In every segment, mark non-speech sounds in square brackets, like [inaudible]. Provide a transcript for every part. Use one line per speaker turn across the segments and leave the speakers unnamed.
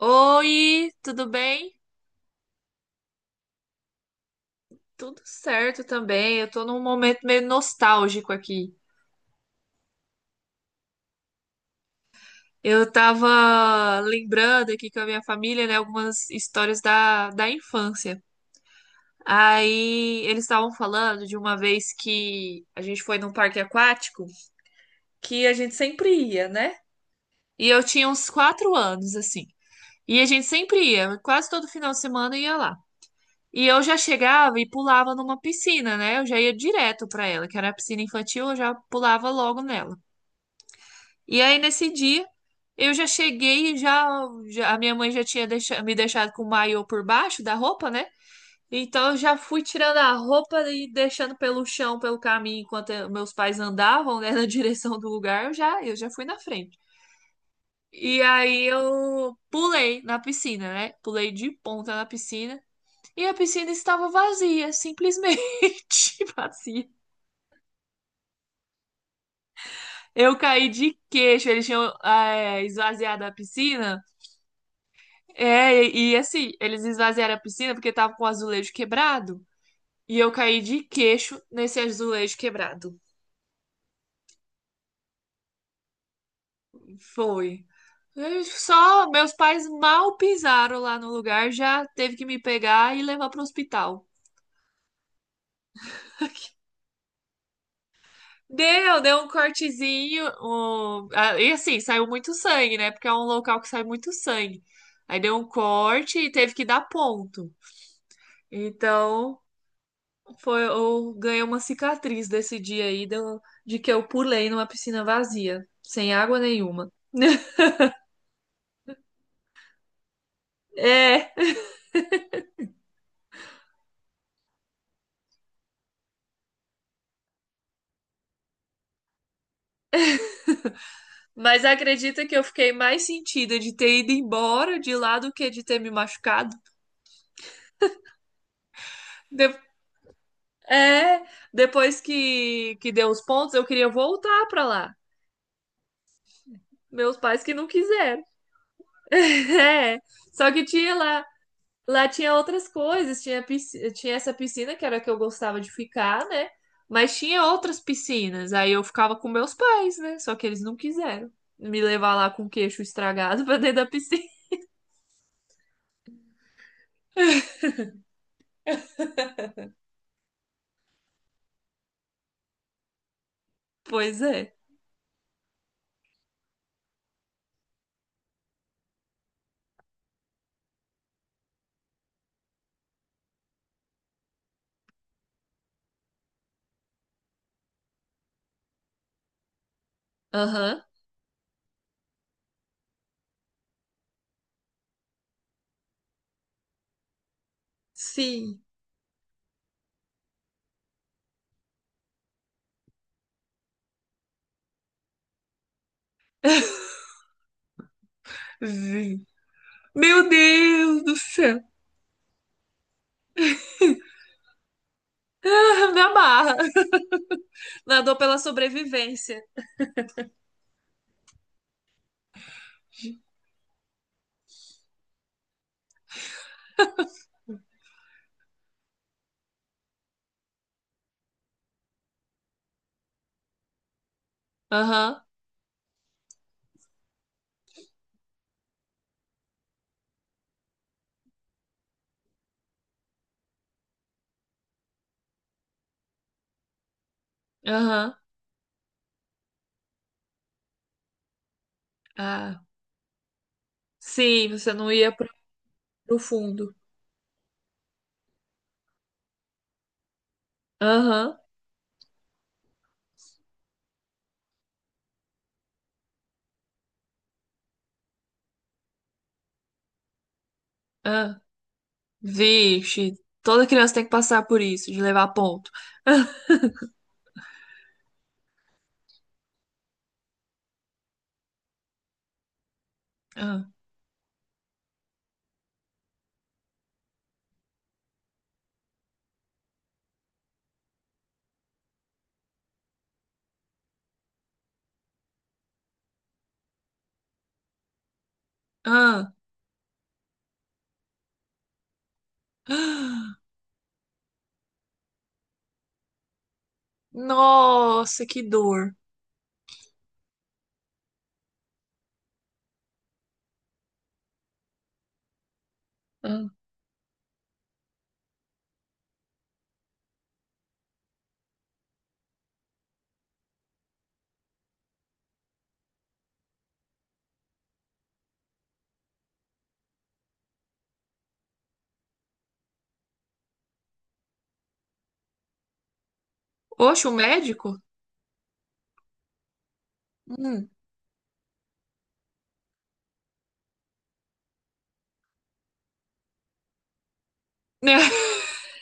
Oi, tudo bem? Tudo certo também. Eu tô num momento meio nostálgico aqui. Eu tava lembrando aqui com a minha família, né, algumas histórias da infância. Aí eles estavam falando de uma vez que a gente foi num parque aquático, que a gente sempre ia, né? E eu tinha uns 4 anos, assim. E a gente sempre ia, quase todo final de semana ia lá. E eu já chegava e pulava numa piscina, né? Eu já ia direto pra ela, que era a piscina infantil, eu já pulava logo nela. E aí nesse dia eu já cheguei e a minha mãe já tinha me deixado com o maiô por baixo da roupa, né? Então eu já fui tirando a roupa e deixando pelo chão, pelo caminho, enquanto meus pais andavam, né, na [laughs] direção do lugar, eu já fui na frente. E aí eu pulei na piscina, né? Pulei de ponta na piscina. E a piscina estava vazia, simplesmente [laughs] vazia. Eu caí de queixo, eles tinham esvaziado a piscina. É, e, assim, eles esvaziaram a piscina porque tava com o azulejo quebrado. E eu caí de queixo nesse azulejo quebrado. Foi. Eu Só meus pais mal pisaram lá no lugar, já teve que me pegar e levar pro hospital. Deu um cortezinho. E assim, saiu muito sangue, né? Porque é um local que sai muito sangue. Aí deu um corte e teve que dar ponto. Então, foi, eu ganhei uma cicatriz desse dia aí de que eu pulei numa piscina vazia, sem água nenhuma. É, [laughs] mas acredita que eu fiquei mais sentida de ter ido embora de lá do que de ter me machucado? De- É, depois que deu os pontos, eu queria voltar pra lá. Meus pais que não quiseram. [laughs] É, só que tinha lá, lá tinha outras coisas, tinha essa piscina que era a que eu gostava de ficar, né? Mas tinha outras piscinas, aí eu ficava com meus pais, né? Só que eles não quiseram me levar lá com o queixo estragado [laughs] pra dentro da piscina. Pois é. Aham. Sim. Sim. Meu Deus do céu. [laughs] Me amarra. Nadou pela sobrevivência. Aham. Aham. Ah. Sim, você não ia pro fundo. Aham. Ah. Vixe, toda criança tem que passar por isso, de levar ponto. Ah, ah, [gasps] ah. Nossa, que dor. Ah. Oxe, o médico? Hum. [laughs]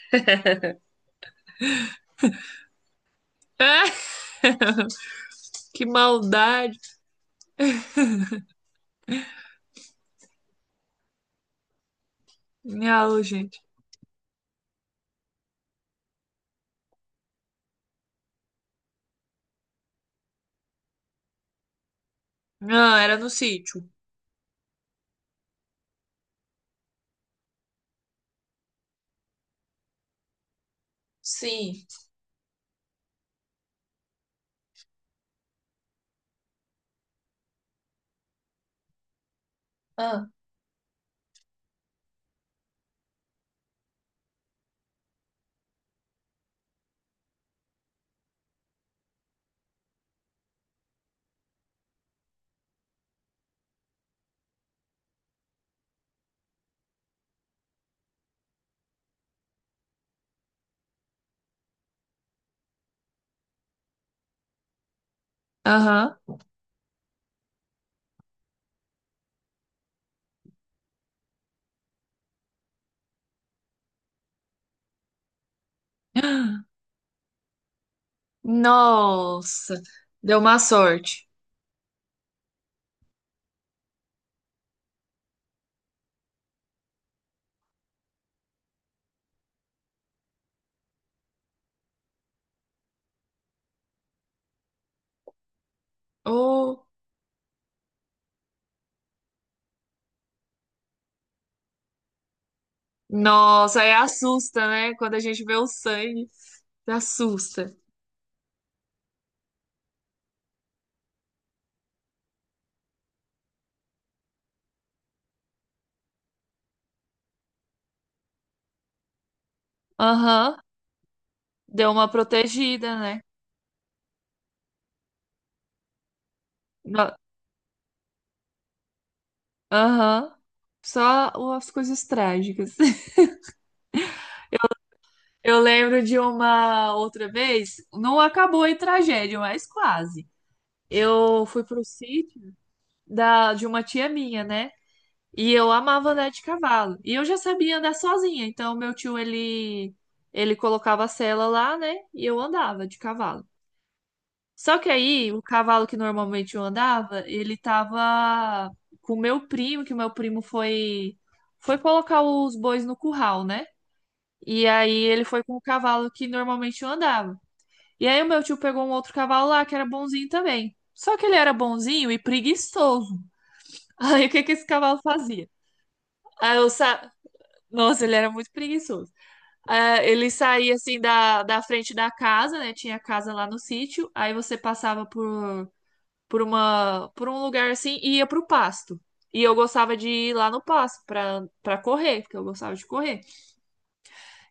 Ah, que maldade. Não, gente. Não, era no sítio. Sim. Ah. Aham. Nossa, deu uma sorte. Oh, nossa, aí assusta, né? Quando a gente vê o sangue, assusta. Aham, deu uma protegida, né? No- Aham. Só as coisas trágicas. [laughs] Eu lembro de uma outra vez, não acabou em tragédia, mas quase. Eu fui pro sítio de uma tia minha, né? E eu amava andar de cavalo. E eu já sabia andar sozinha, então meu tio ele colocava a sela lá, né? E eu andava de cavalo. Só que aí, o cavalo que normalmente eu andava, ele tava com o meu primo, que o meu primo foi colocar os bois no curral, né? E aí ele foi com o cavalo que normalmente eu andava. E aí o meu tio pegou um outro cavalo lá que era bonzinho também. Só que ele era bonzinho e preguiçoso. [laughs] Aí o que que esse cavalo fazia? Aí eu sa... Nossa, ele era muito preguiçoso. Ah, ele saía assim da frente da casa, né? Tinha casa lá no sítio. Aí você passava por por um lugar assim e ia pro pasto. E eu gostava de ir lá no pasto pra correr, porque eu gostava de correr.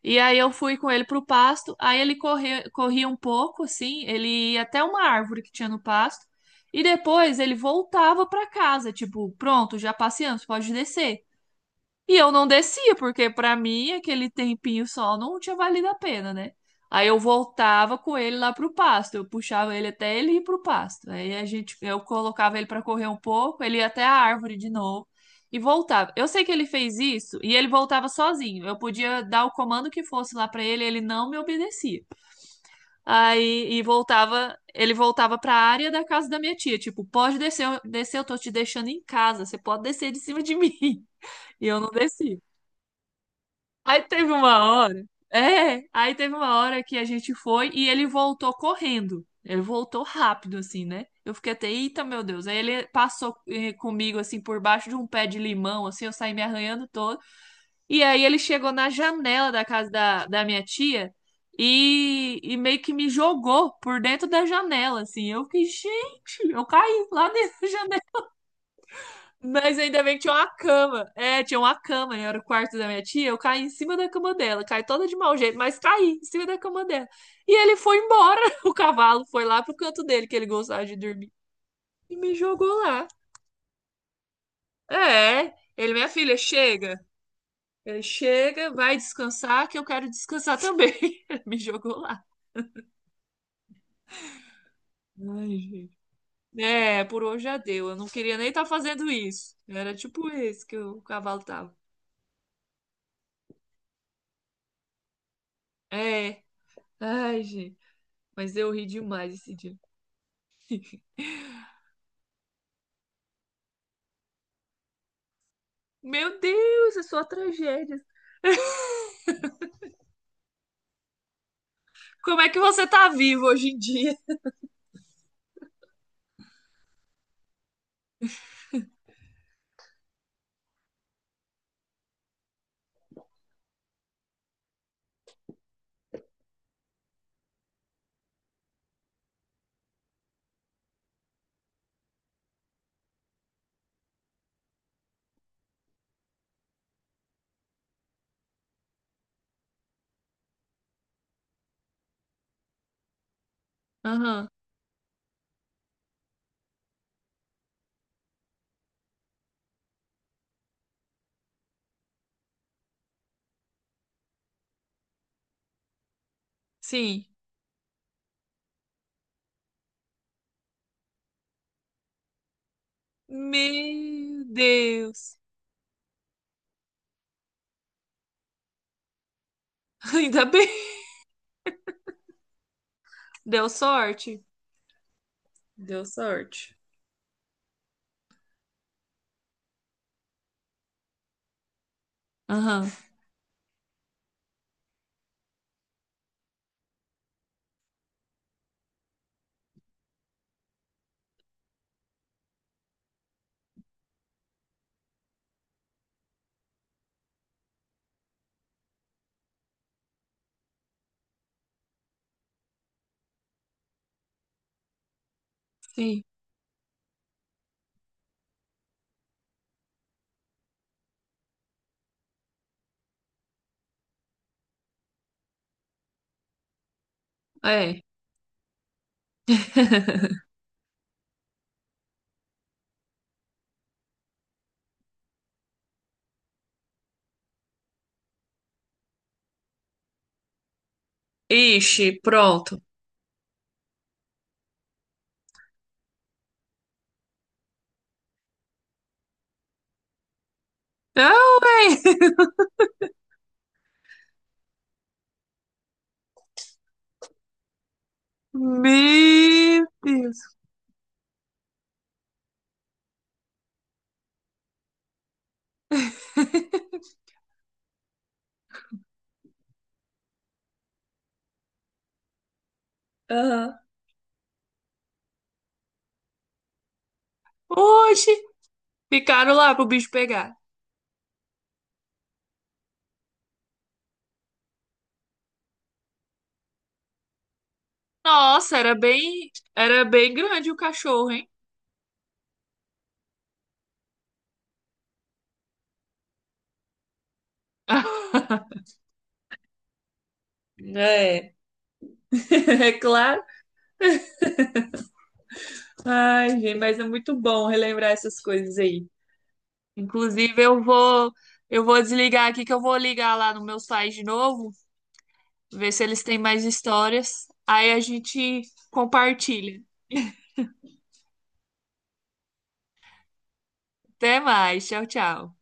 E aí eu fui com ele pro pasto, aí ele corria um pouco, assim, ele ia até uma árvore que tinha no pasto, e depois ele voltava pra casa, tipo, pronto, já passeamos, pode descer. E eu não descia, porque pra mim aquele tempinho só não tinha valido a pena, né? Aí eu voltava com ele lá pro pasto, eu puxava ele até ele ir pro pasto. Aí eu colocava ele pra correr um pouco, ele ia até a árvore de novo e voltava. Eu sei que ele fez isso e ele voltava sozinho. Eu podia dar o comando que fosse lá pra ele, ele não me obedecia. Ele voltava pra área da casa da minha tia, tipo, pode descer, descer, eu tô te deixando em casa, você pode descer de cima de mim. [laughs] E eu não descia. Aí teve uma hora. É, aí teve uma hora que a gente foi e ele voltou correndo. Ele voltou rápido, assim, né? Eu fiquei até, eita, meu Deus. Aí ele passou comigo, assim, por baixo de um pé de limão, assim, eu saí me arranhando todo. E aí ele chegou na janela da casa da minha tia e meio que me jogou por dentro da janela, assim. Eu fiquei, gente, eu caí lá dentro da janela. Mas ainda bem que tinha uma cama. É, tinha uma cama, né? Era o quarto da minha tia. Eu caí em cima da cama dela. Caí toda de mau jeito, mas caí em cima da cama dela. E ele foi embora. [laughs] O cavalo foi lá pro canto dele, que ele gostava de dormir. E me jogou lá. É, ele, minha filha, chega. Ele chega, vai descansar, que eu quero descansar também. [laughs] Ele me jogou lá. Ai, gente. É, por hoje já deu. Eu não queria nem estar fazendo isso. Era tipo esse que o cavalo tava. É. Ai, gente. Mas eu ri demais esse dia. Meu Deus, é só tragédia. Como é que você tá vivo hoje em dia? Aham, sim. Meu Deus. [laughs] Ainda bem. Deu sorte? Deu sorte. Aham, sim. É. [laughs] Ixi, pronto. Não, véi. Meu Deus. Aham. Oxe, ficaram lá pro bicho pegar. Nossa, era bem grande o cachorro, hein? [laughs] É. [laughs] É claro. Ai, gente, mas é muito bom relembrar essas coisas aí. Inclusive, eu vou desligar aqui que eu vou ligar lá no meu site de novo, ver se eles têm mais histórias. Aí a gente compartilha. Até mais. Tchau, tchau.